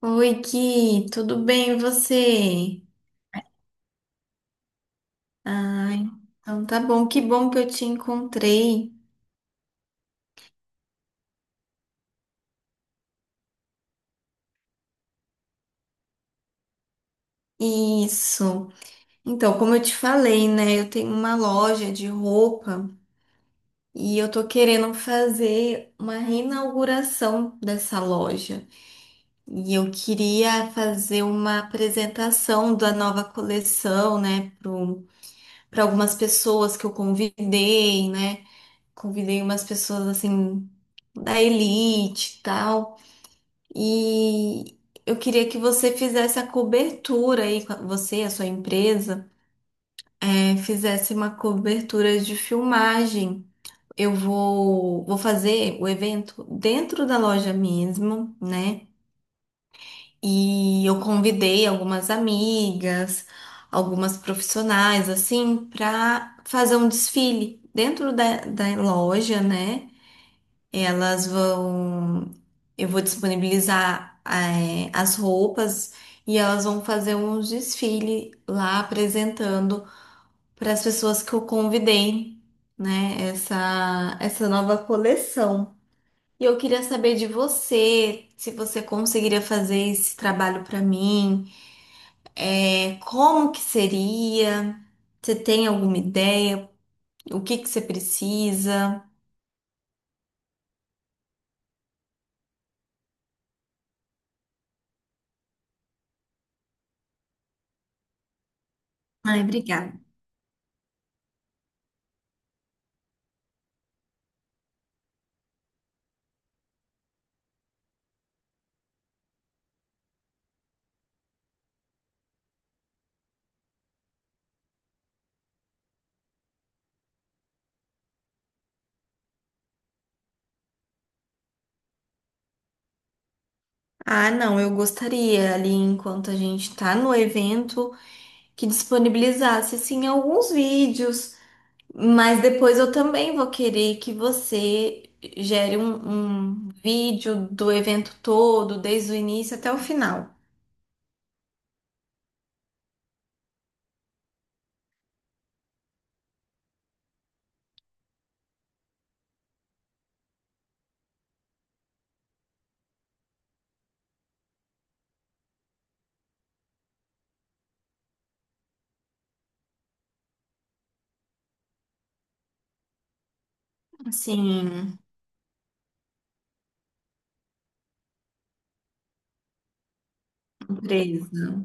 Oi, Ki, tudo bem e você? Ai, então tá bom que eu te encontrei. Isso. Então, como eu te falei, né, eu tenho uma loja de roupa e eu tô querendo fazer uma reinauguração dessa loja. E eu queria fazer uma apresentação da nova coleção, né, para algumas pessoas que eu convidei, né? Convidei umas pessoas assim da elite e tal. E eu queria que você fizesse a cobertura aí, você, a sua empresa, fizesse uma cobertura de filmagem. Eu vou fazer o evento dentro da loja mesmo, né? E eu convidei algumas amigas, algumas profissionais, assim, para fazer um desfile dentro da loja, né? Elas vão. Eu vou disponibilizar as roupas e elas vão fazer um desfile lá apresentando para as pessoas que eu convidei, né? Essa nova coleção. E eu queria saber de você, se você conseguiria fazer esse trabalho para mim, como que seria? Você tem alguma ideia? O que que você precisa? Ai, obrigada. Ah, não, eu gostaria ali enquanto a gente tá no evento que disponibilizasse assim alguns vídeos, mas depois eu também vou querer que você gere um vídeo do evento todo, desde o início até o final. Assim, empresa.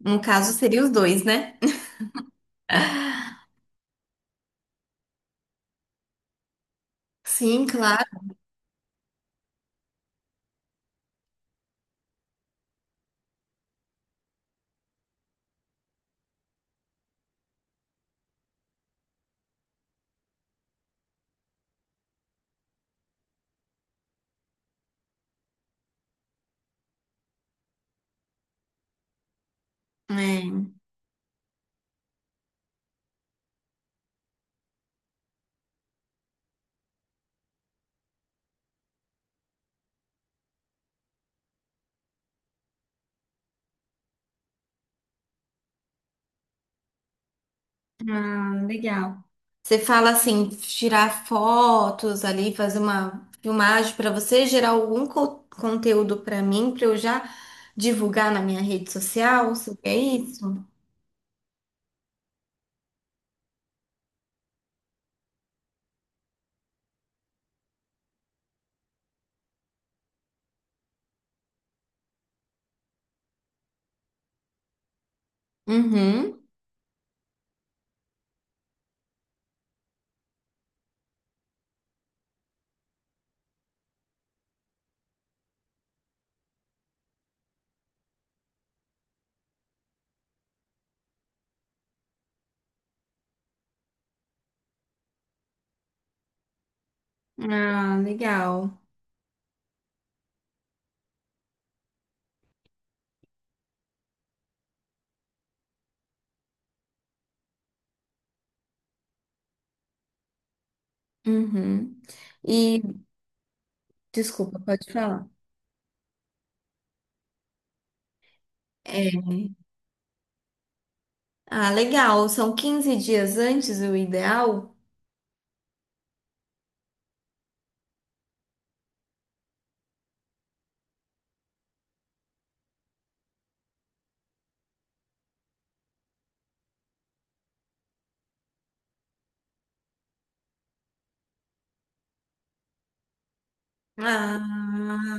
No caso, seria os dois, né? Sim, claro. É. Ah, legal. Você fala assim, tirar fotos ali, fazer uma filmagem para você gerar algum conteúdo para mim, para eu já divulgar na minha rede social, se é isso? Uhum. Ah, legal. Uhum. E, desculpa, pode falar. é, ah, legal, são 15 dias antes o ideal? Ah,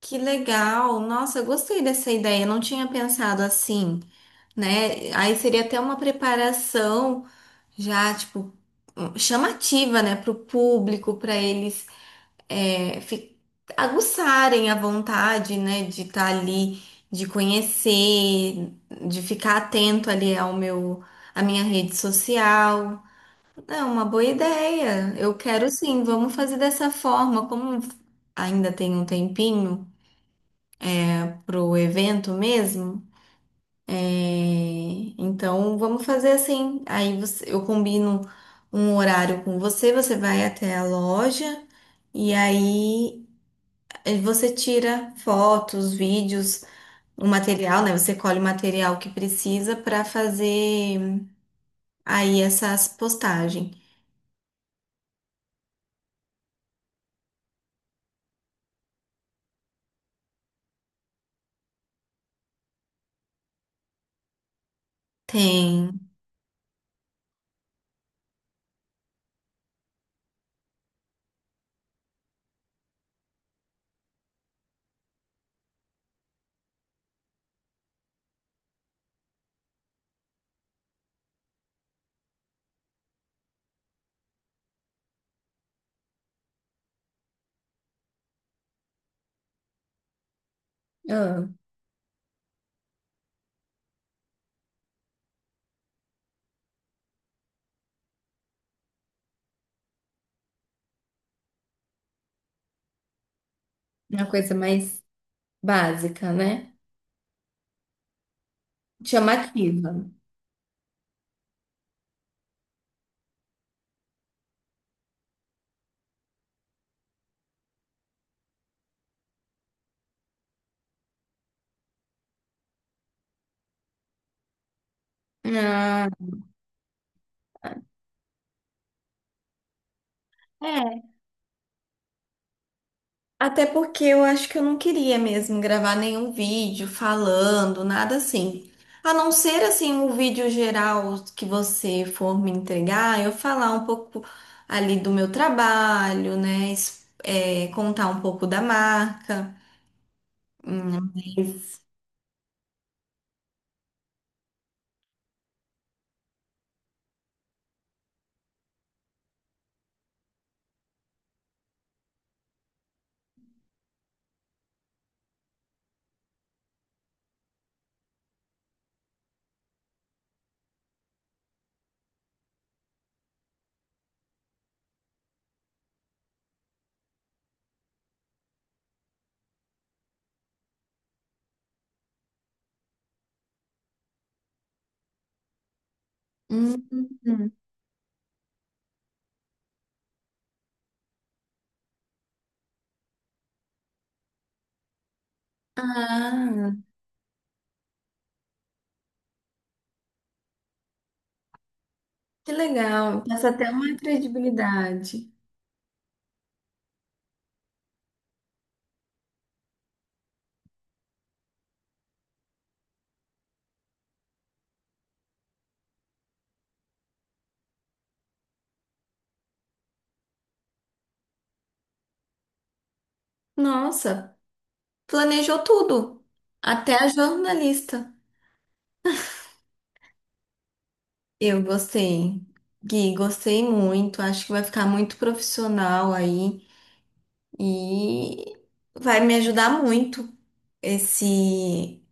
que legal. Nossa, eu gostei dessa ideia, eu não tinha pensado assim. Né? Aí seria até uma preparação já, tipo, chamativa, né, para o público, para eles, é, fi- aguçarem a vontade, né, de estar ali, de conhecer, de ficar atento ali ao meu, à minha rede social. É uma boa ideia. Eu quero sim, vamos fazer dessa forma, como ainda tem um tempinho pro evento mesmo. É, então vamos fazer assim. Aí você- eu combino um horário com você, você vai até a loja e aí você tira fotos, vídeos, o material, né? Você colhe o material que precisa para fazer aí essas postagens. Tem. Ah, uma coisa mais básica, né? Chamativa. Ah, até porque eu acho que eu não queria mesmo gravar nenhum vídeo falando, nada assim. A não ser assim o vídeo geral que você for me entregar, eu falar um pouco ali do meu trabalho, né? Contar um pouco da marca. Mas- Hum. Ah, que legal. Passa até uma credibilidade. Nossa, planejou tudo. Até a jornalista. Eu gostei. Gui, gostei muito. Acho que vai ficar muito profissional aí e vai me ajudar muito esse,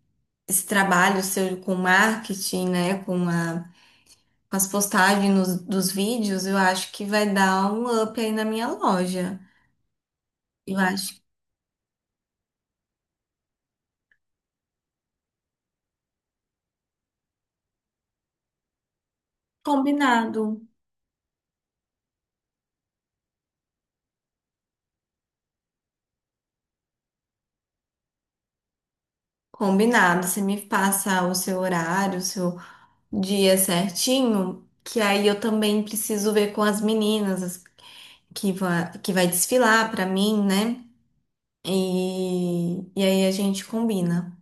esse trabalho seu com marketing, né? Com a, com as postagens dos vídeos. Eu acho que vai dar um up aí na minha loja. Eu acho que combinado. Combinado. Você me passa o seu horário, o seu dia certinho, que aí eu também preciso ver com as meninas. que vai desfilar pra mim, né? E aí a gente combina.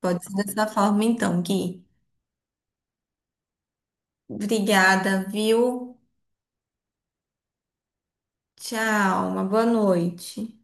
Pode ser dessa forma então, Gui. Obrigada, viu? Tchau, uma boa noite.